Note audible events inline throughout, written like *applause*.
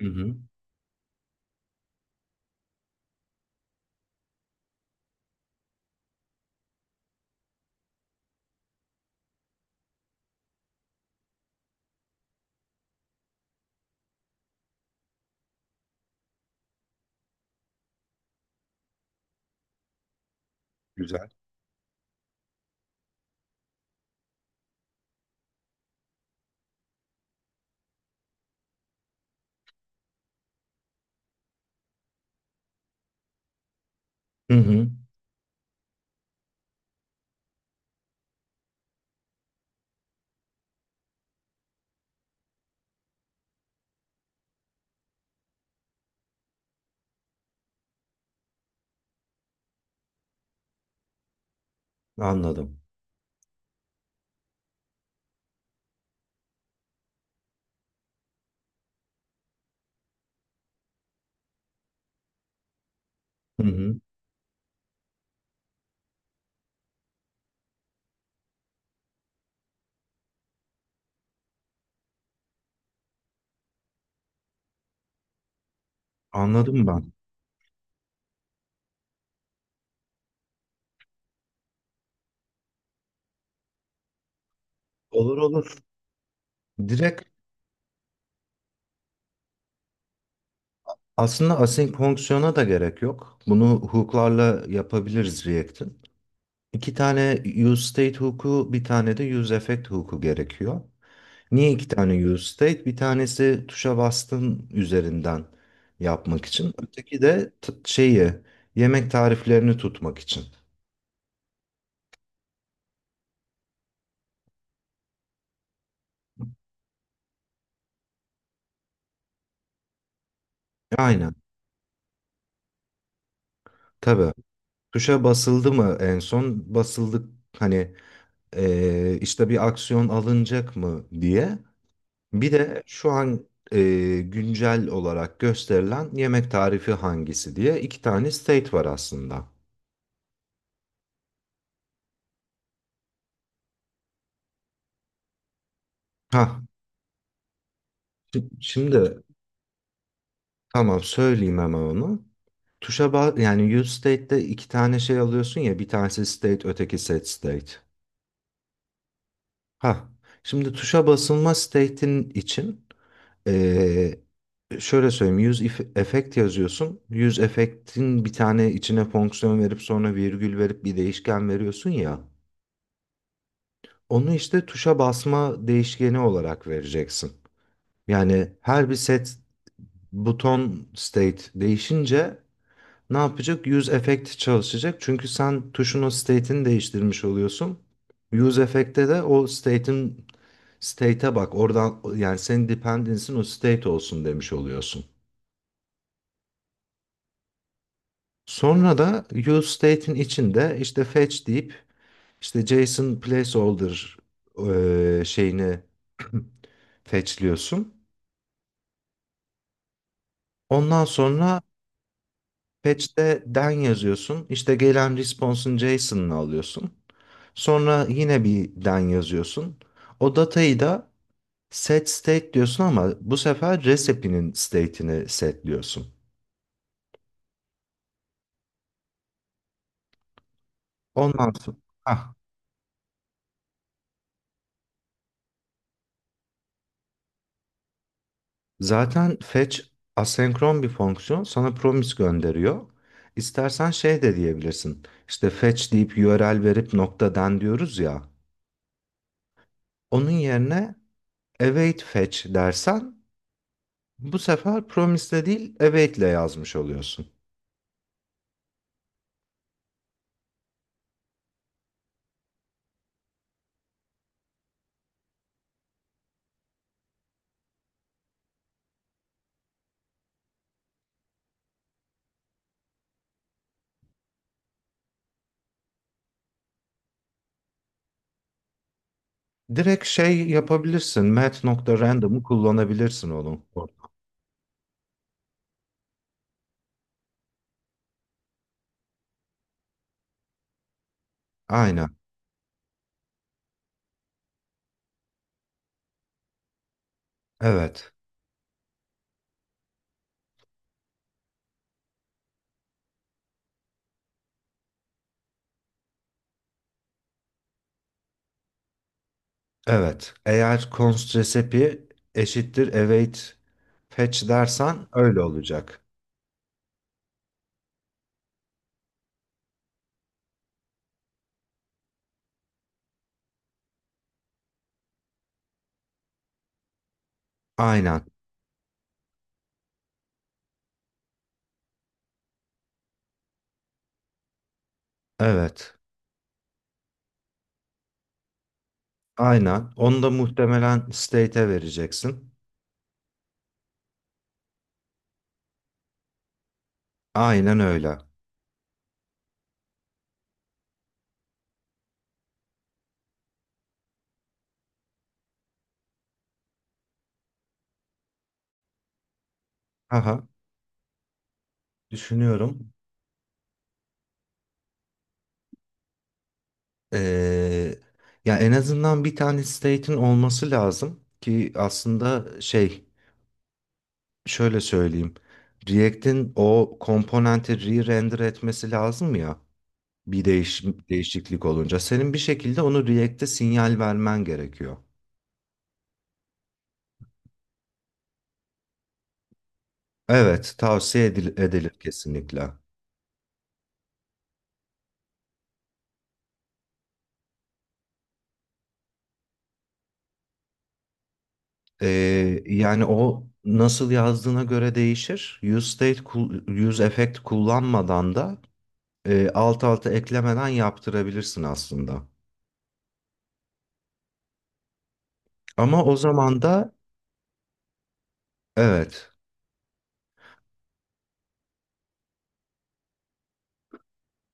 Hı hı. Güzel. Hı hı. Anladım. Hı hı. Anladım ben. Olur olur. Direkt aslında asenkronksiyona da gerek yok. Bunu hook'larla yapabiliriz React'in. İki tane use state hook'u, bir tane de use effect hook'u gerekiyor. Niye iki tane use state? Bir tanesi tuşa bastın üzerinden yapmak için. Öteki de şeyi, yemek tariflerini tutmak için. Aynen. Tabii. Tuşa basıldı mı en son? Basıldık. Hani, işte bir aksiyon alınacak mı diye. Bir de şu an güncel olarak gösterilen yemek tarifi hangisi diye iki tane state var aslında. Ha, şimdi tamam söyleyeyim hemen onu. Tuşa yani use state'de iki tane şey alıyorsun ya, bir tanesi state öteki set state. Ha, şimdi tuşa basılma state'in için Ee, şöyle söyleyeyim. Use effect yazıyorsun. Use effect'in bir tane içine fonksiyon verip sonra virgül verip bir değişken veriyorsun ya. Onu işte tuşa basma değişkeni olarak vereceksin. Yani her bir set buton state değişince ne yapacak? Use effect çalışacak. Çünkü sen tuşun o state'ini değiştirmiş oluyorsun. Use effect'te de o state'in state'e bak. Oradan yani senin dependency'in o state olsun demiş oluyorsun. Sonra da useState'in içinde işte fetch deyip işte JSON placeholder şeyini *clears throat* fetchliyorsun. Ondan sonra fetch'te den yazıyorsun. İşte gelen response'un JSON'ını alıyorsun. Sonra yine bir den yazıyorsun. O datayı da set state diyorsun ama bu sefer recipe'nin state'ini setliyorsun. Ondan sonra zaten fetch asenkron bir fonksiyon, sana promise gönderiyor. İstersen şey de diyebilirsin. İşte fetch deyip URL verip nokta den diyoruz ya. Onun yerine await fetch dersen bu sefer promise'le değil await'le yazmış oluyorsun. Direkt şey yapabilirsin. Mat.random'u kullanabilirsin oğlum. Aynen. Evet. Evet. Eğer const recipe eşittir await fetch dersen öyle olacak. Aynen. Evet. Aynen. Onu da muhtemelen state'e vereceksin. Aynen öyle. Haha. Düşünüyorum. Ee, ya en azından bir tane state'in olması lazım ki aslında şey, şöyle söyleyeyim. React'in o komponenti re-render etmesi lazım ya bir değişiklik olunca. Senin bir şekilde onu React'e sinyal vermen gerekiyor. Evet, tavsiye edilir kesinlikle. Ee, yani o nasıl yazdığına göre değişir. Use state, use effect kullanmadan da alt alta eklemeden yaptırabilirsin aslında. Ama o zaman da evet.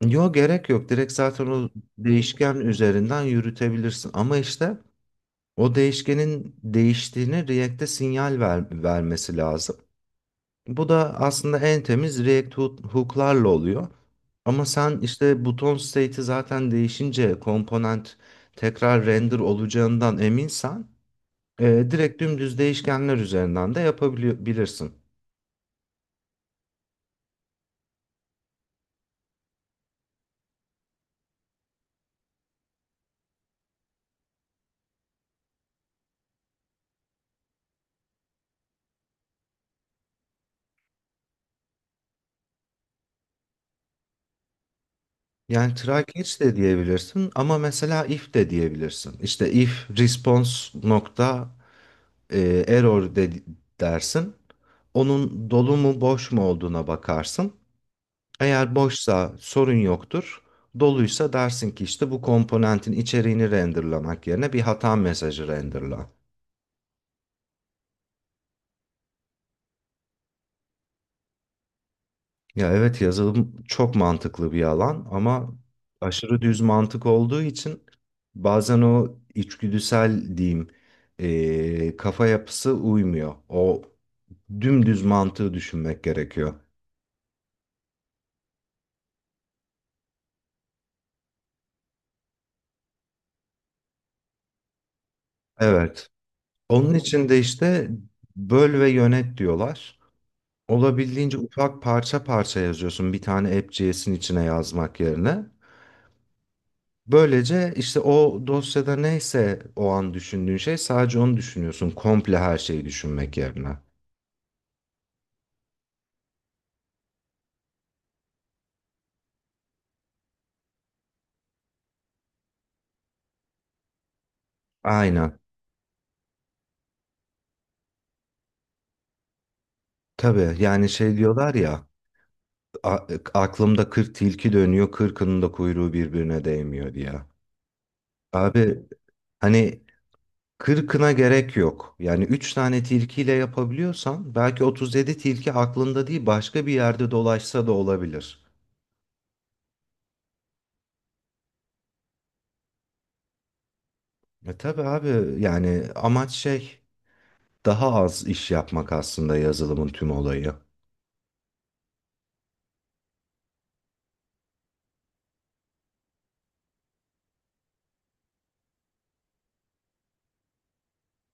Yo, gerek yok. Direkt zaten o değişken üzerinden yürütebilirsin. Ama işte o değişkenin değiştiğini React'e sinyal vermesi lazım. Bu da aslında en temiz React hook'larla oluyor. Ama sen işte buton state'i zaten değişince komponent tekrar render olacağından eminsen e, direkt dümdüz değişkenler üzerinden de yapabilirsin. Yani try catch de diyebilirsin ama mesela if de diyebilirsin. İşte if response nokta error de dersin. Onun dolu mu boş mu olduğuna bakarsın. Eğer boşsa sorun yoktur. Doluysa dersin ki işte bu komponentin içeriğini renderlamak yerine bir hata mesajı renderla. Ya evet, yazılım çok mantıklı bir alan ama aşırı düz mantık olduğu için bazen o içgüdüsel diyeyim kafa yapısı uymuyor. O dümdüz mantığı düşünmek gerekiyor. Evet. Onun için de işte böl ve yönet diyorlar. Olabildiğince ufak parça parça yazıyorsun bir tane app.js'in içine yazmak yerine. Böylece işte o dosyada neyse o an düşündüğün şey sadece onu düşünüyorsun. Komple her şeyi düşünmek yerine. Aynen. Tabii yani şey diyorlar ya, a- aklımda 40 tilki dönüyor, kırkının da kuyruğu birbirine değmiyor diye. Abi hani kırkına gerek yok. Yani 3 tane tilkiyle yapabiliyorsan belki 37 tilki aklında değil başka bir yerde dolaşsa da olabilir. E tabii abi, yani amaç şey, daha az iş yapmak aslında yazılımın tüm olayı.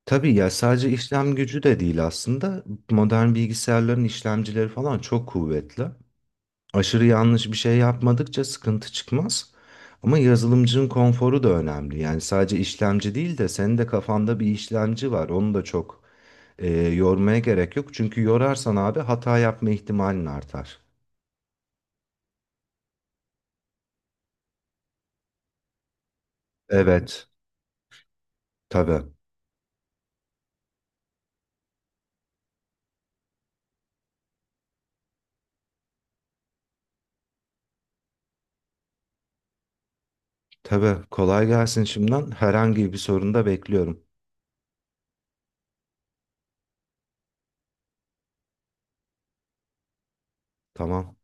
Tabii ya, sadece işlem gücü de değil aslında. Modern bilgisayarların işlemcileri falan çok kuvvetli. Aşırı yanlış bir şey yapmadıkça sıkıntı çıkmaz. Ama yazılımcının konforu da önemli. Yani sadece işlemci değil de, senin de kafanda bir işlemci var. Onu da çok yormaya gerek yok. Çünkü yorarsan abi hata yapma ihtimalin artar. Evet, tabii. Tabii kolay gelsin şimdiden. Herhangi bir sorun da bekliyorum. Tamam.